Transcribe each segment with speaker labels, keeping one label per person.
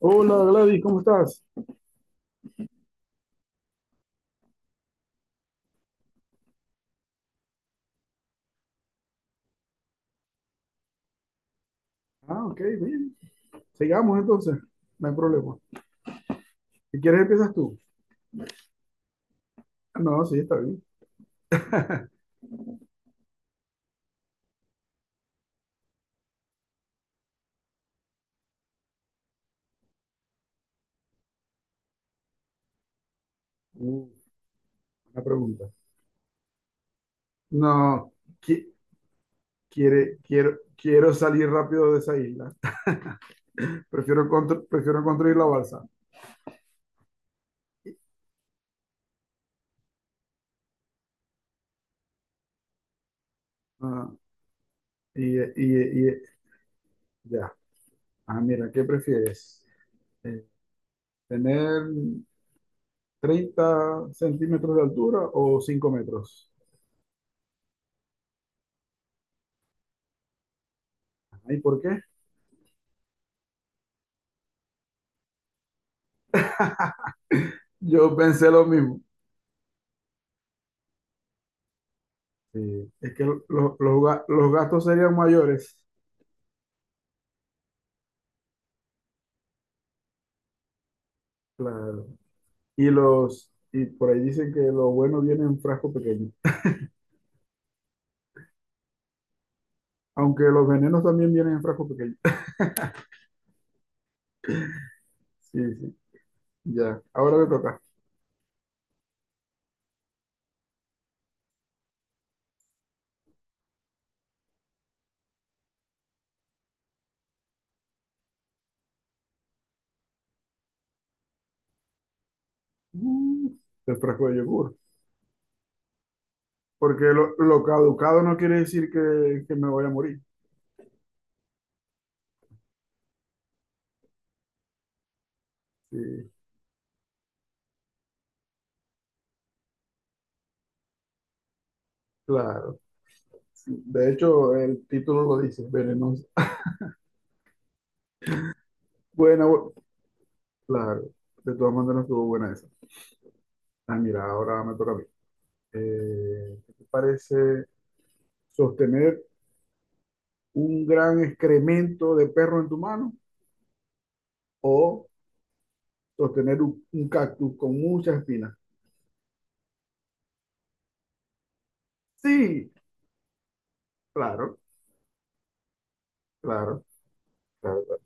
Speaker 1: Hola Gladys, ¿cómo estás? Ah, ok, bien. Sigamos entonces, no hay problema. Si quieres empiezas tú. Ah, no, sí, está bien. Uh, una pregunta. No, qui- quiero salir rápido de esa isla. Prefiero construir la balsa. Ah, y, y, y- ya. Ah, mira, ¿qué prefieres? Eh, ¿Tener 30 centímetros de altura o 5 metros? ¿Y por qué? Yo pensé lo mismo. Sí, es que los, los gastos serían mayores, claro. Y por ahí dicen que los buenos vienen en frasco pequeño. Aunque los venenos también vienen en frasco pequeño. Sí, sí, ya. Ahora te toca. Mm, el frasco de yogur. Porque lo caducado no quiere decir que me voy a morir. Sí, claro. Sí, de hecho, el título lo dice, venenos. Buena, bu- claro. De todas maneras estuvo buena esa. Ah, mira, ahora me toca a mí. ¿Qué te parece? Sostener un gran excremento de perro en tu mano o sostener un cactus con muchas espinas. Sí, claro, claro, claro, claro.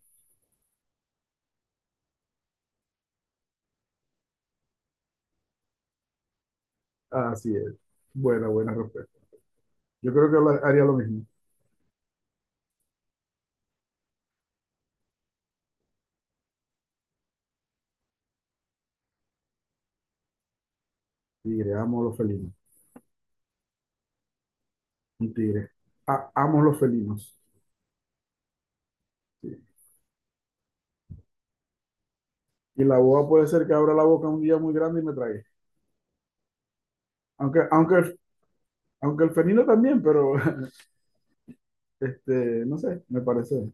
Speaker 1: Así es. Buena, buena respuesta. Yo creo que haría lo mismo. Tigre, amo los felinos. Un tigre. Amo los felinos. Sí. Y la boa puede ser que abra la boca un día muy grande y me trague. Aunque, aunque, aunque el felino también, pero este, no sé, me parece.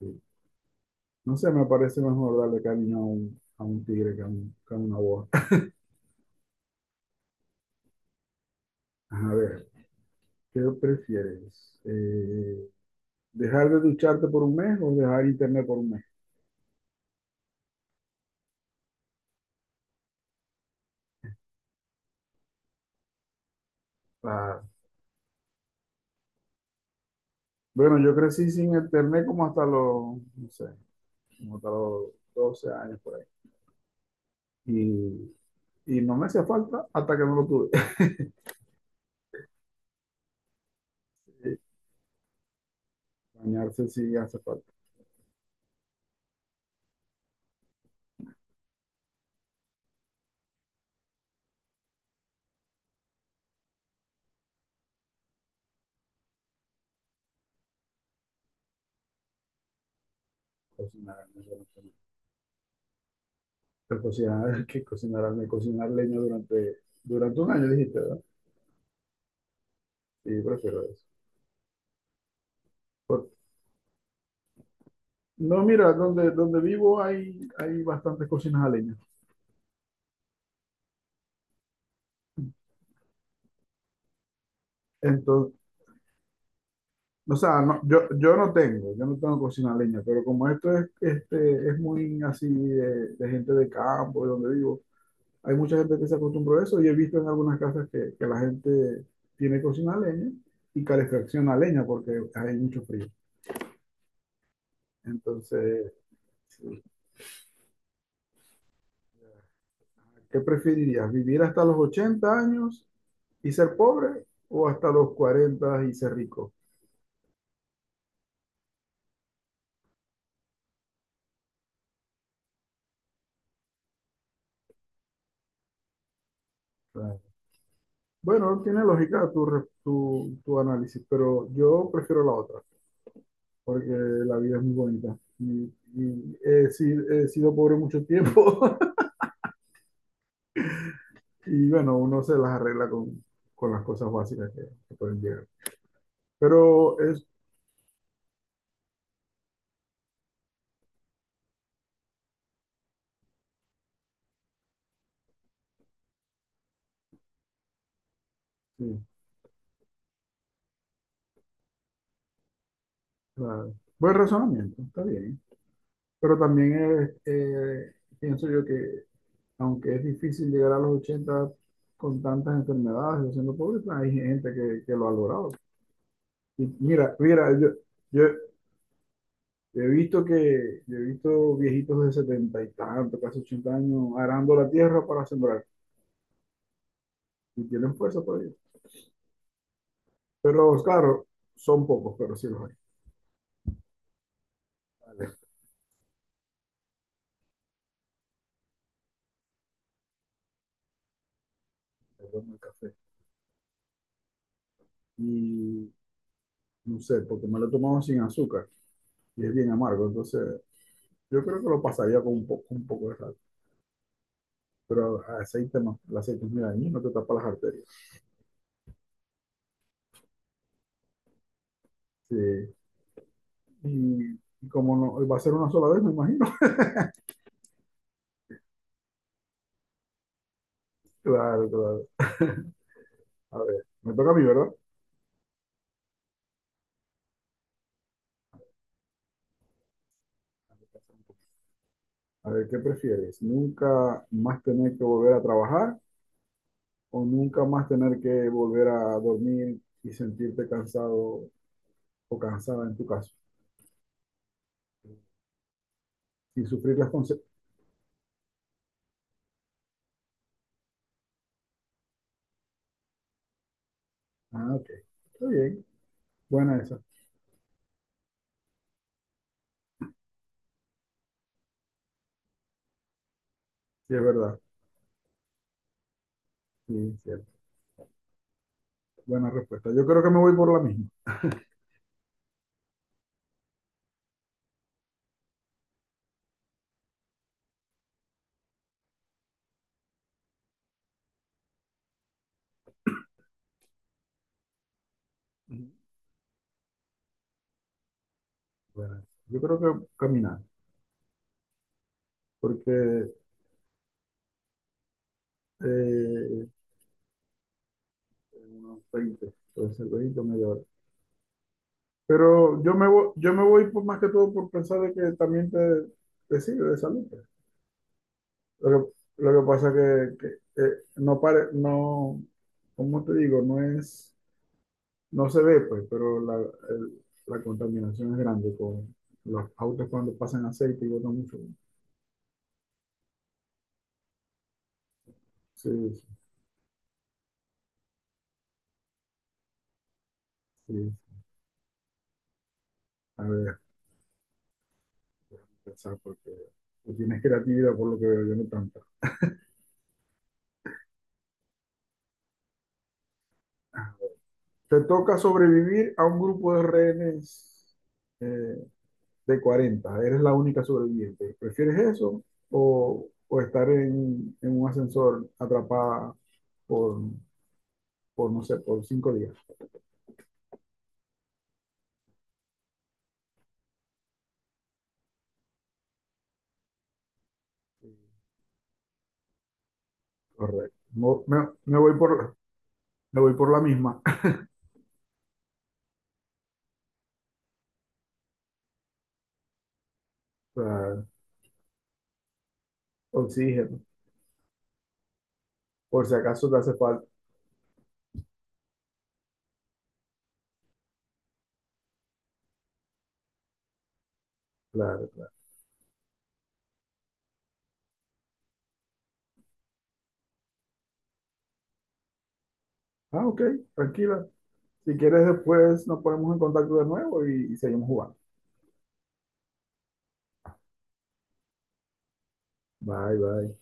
Speaker 1: Sí. No sé, me parece mejor darle cariño a a un tigre que que a una boa. A ver, ¿qué prefieres? ¿Dejar de ducharte por un mes o dejar internet por un mes? Ah, bueno, yo crecí sin internet como hasta los, no sé, como hasta los 12 años por ahí. Y, y no me hacía falta hasta que no lo tuve. Bañarse sí hace falta. Cocinar, no sé, no sé. Pero cocinar, que cocinar, me cocinar leña durante 1 año, dijiste, ¿verdad? Sí, prefiero eso. Porque no, mira, donde vivo hay, hay bastantes cocinas a leña. Entonces, o sea, no, yo no tengo cocina a leña, pero como esto es, este, es muy así de gente de campo, de donde vivo, hay mucha gente que se acostumbró a eso y he visto en algunas casas que la gente tiene cocina a leña y calefacción a leña porque hay mucho frío. Entonces, sí, ¿qué preferirías? ¿Vivir hasta los 80 años y ser pobre o hasta los 40 y ser rico? Bueno, tiene lógica tu análisis, pero yo prefiero la otra, porque la vida es muy bonita. Y he, si- He sido pobre mucho tiempo y bueno, uno se las arregla con las cosas básicas que pueden llegar. Pero es, sí, claro, buen razonamiento, está bien. Pero también pienso yo que aunque es difícil llegar a los 80 con tantas enfermedades o siendo pobre, pues, hay gente que lo ha logrado. Y mira, mira, yo... Yo, Yo he visto yo he visto viejitos de 70 y tanto, casi 80 años, arando la tierra para sembrar y tienen fuerza por ello. Pero claro, son pocos, pero sí los hay. Vale, perdón el café. Y no sé, porque me lo he tomado sin azúcar y es bien amargo, entonces yo creo que lo pasaría con un poco de sal. Pero aceite no, el aceite es muy dañino, te tapa las arterias. Sí. Y como no, va a ser una sola vez, me imagino. Claro, claro. A ver, me toca a mí, ¿verdad? A ver, ¿qué prefieres? ¿Nunca más tener que volver a trabajar o nunca más tener que volver a dormir y sentirte cansado o cansada en tu caso? Sin sufrir las consecuencias. Ah, ok. Está bien. Buena esa. Sí, es verdad. Sí, cierto. Buena respuesta. Yo creo que me voy por la misma. Ujú. Buena. Yo creo que caminar, porque eh, unos 20, puede ser 20 o media hora. Pero yo me voy por, más que todo por pensar de que también te sirve de salud. Lo lo que pasa que no pare, no, cómo te digo, no es, no se ve, pues, pero el- la contaminación es grande con los autos cuando pasan aceite y botan mucho. Sí, sí, sí. A ver, déjame pensar porque tú tienes creatividad por lo que veo, yo no tanta. Te toca sobrevivir a un grupo de rehenes eh, de 40, eres la única sobreviviente. ¿Prefieres eso o estar en un ascensor atrapada por, por, no sé, por 5 días? Correcto. Me voy por, me voy por la misma. O sea, oxígeno, por si acaso te hace falta. Claro, claro. Ah, ok, tranquila. Si quieres, después nos ponemos en contacto de nuevo y seguimos jugando. Bye, bye.